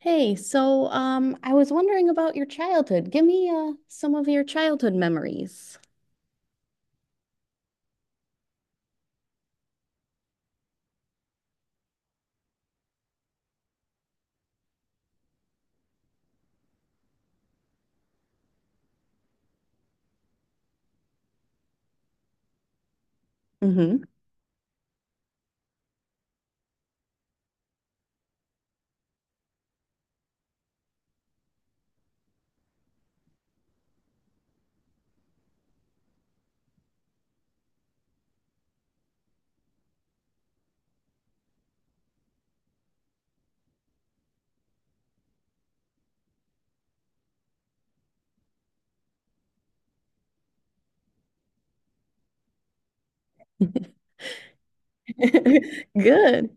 Hey, I was wondering about your childhood. Give me some of your childhood memories. Hmm. Good.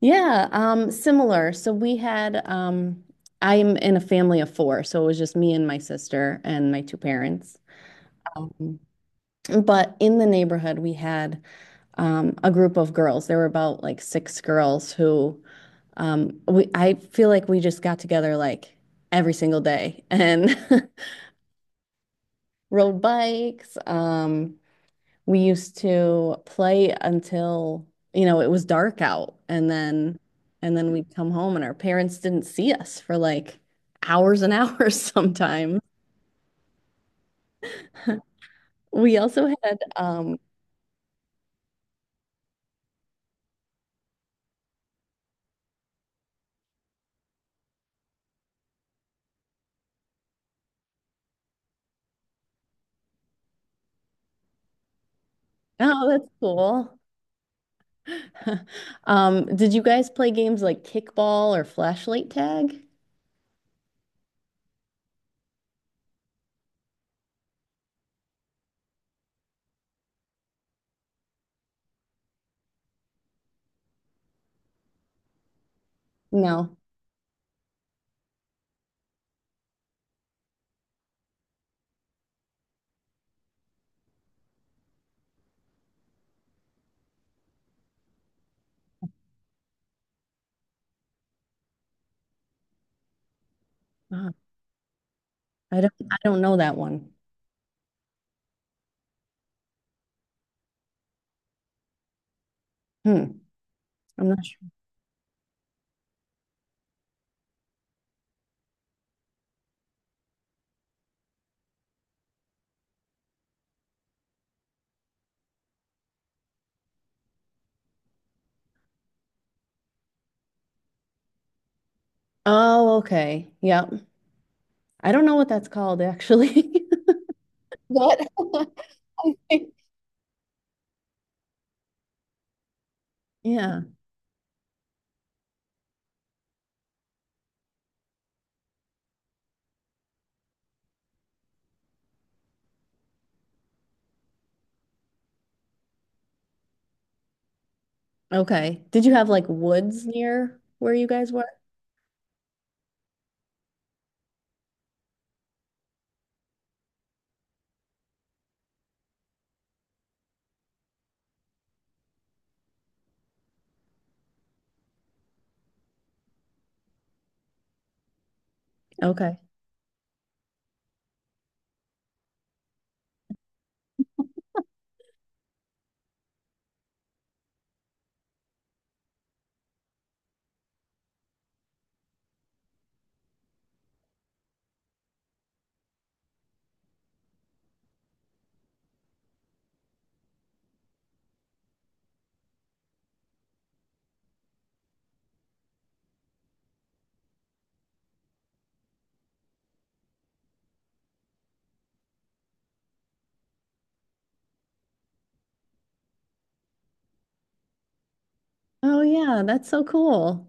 Yeah, similar. So we had I'm in a family of four, so it was just me and my sister and my two parents. Um, but in the neighborhood, we had a group of girls. There were about like six girls who we I feel like we just got together like every single day and rode bikes. We used to play until, it was dark out, and then we'd come home and our parents didn't see us for like hours and hours sometimes. We also had um, oh, that's cool. Did you guys play games like kickball or flashlight tag? No. Oh, I don't know that one. Hmm. I'm not sure. Oh, okay. Yep. I don't know what that's called, actually. What? Yeah. Okay. Did you have like woods near where you guys were? Okay. Oh yeah, that's so cool.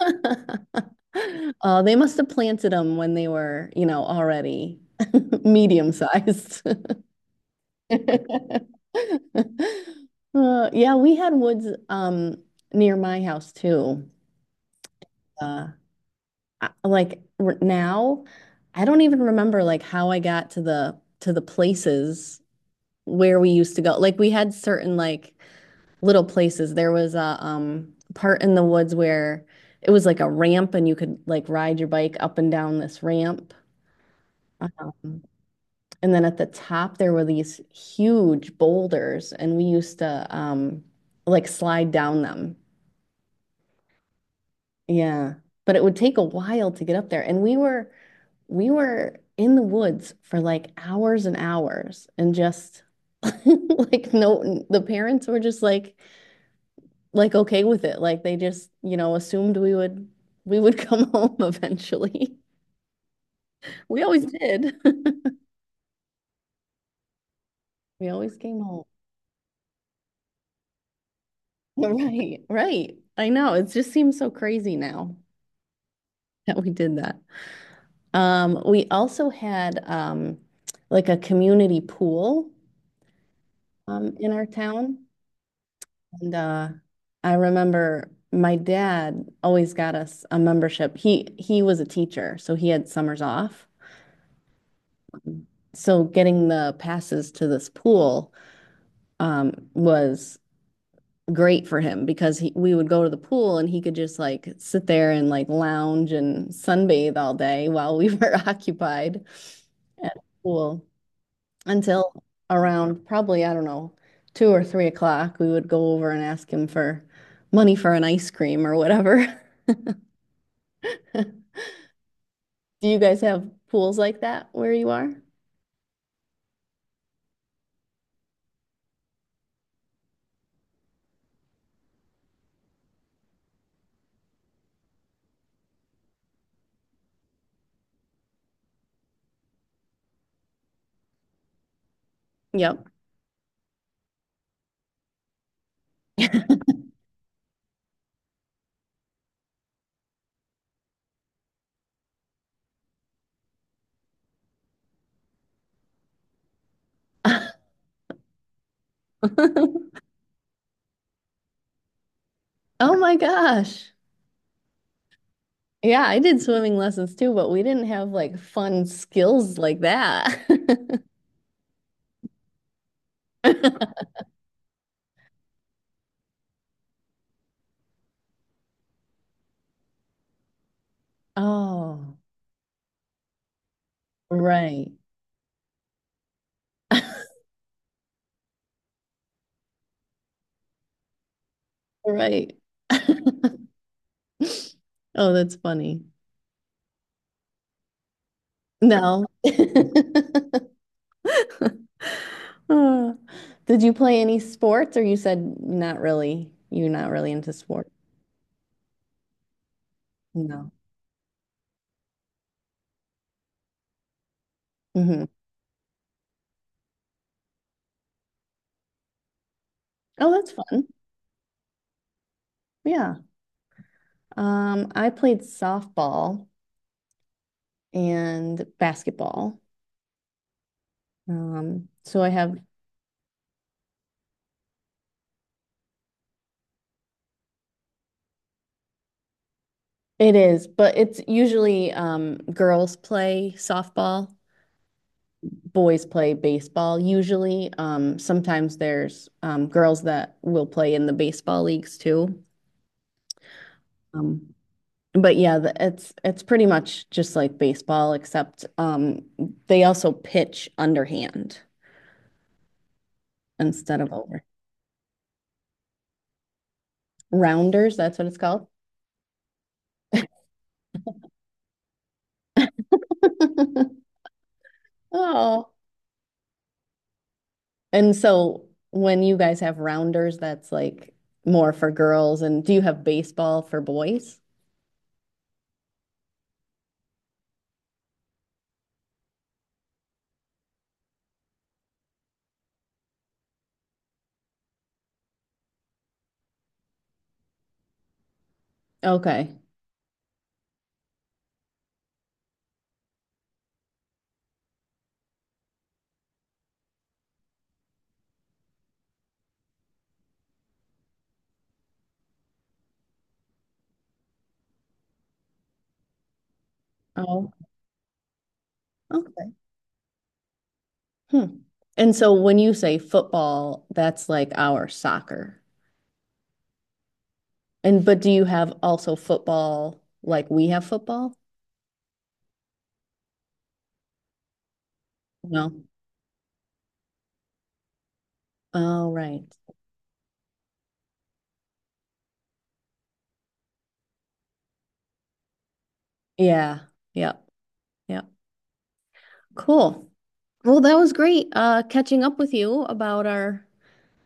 Oh, they must have planted them when they were, already medium sized. Yeah, we had woods near my house too. Uh, I, like r now, I don't even remember like how I got to the places where we used to go. Like we had certain like little places. There was a part in the woods where it was like a ramp and you could like ride your bike up and down this ramp. Um, and then at the top there were these huge boulders, and we used to like slide down them. Yeah. But it would take a while to get up there. And we were in the woods for like hours and hours and just like no the parents were just like okay with it. Like they just, assumed we would come home eventually. We always did. We always came home. Right, right. I know. It just seems so crazy now that we did that. We also had like a community pool in our town. And I remember my dad always got us a membership. He was a teacher, so he had summers off. So getting the passes to this pool was great for him because he, we would go to the pool and he could just like sit there and like lounge and sunbathe all day while we were occupied at the pool until around probably, I don't know, 2 or 3 o'clock, we would go over and ask him for money for an ice cream or whatever. Do you guys have pools like that where you are? Yep. Oh my gosh. Yeah, I did swimming lessons too, but we didn't have like fun skills like that. Oh, right. Right. Oh, that's funny. No. Oh. Did you play any sports, or you said not really? You're not really into sport? No. Hmm. Oh, that's fun. Yeah. I played softball and basketball. So I have It is, but it's usually girls play softball, boys play baseball. Usually, sometimes there's girls that will play in the baseball leagues too. Um, but yeah, it's pretty much just like baseball, except they also pitch underhand instead of over. Rounders, that's what it's called. Oh, and so when you guys have rounders, that's like more for girls. And do you have baseball for boys? Okay. Oh, okay. Hmm. And so when you say football, that's like our soccer. And but do you have also football like we have football? No. Oh, right. Yeah. Yep. Yep. Cool. Well, that was great catching up with you about our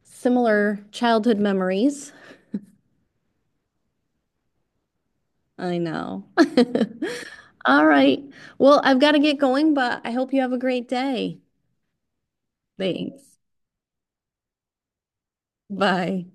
similar childhood memories. I know. All right. Well, I've got to get going, but I hope you have a great day. Thanks. Bye.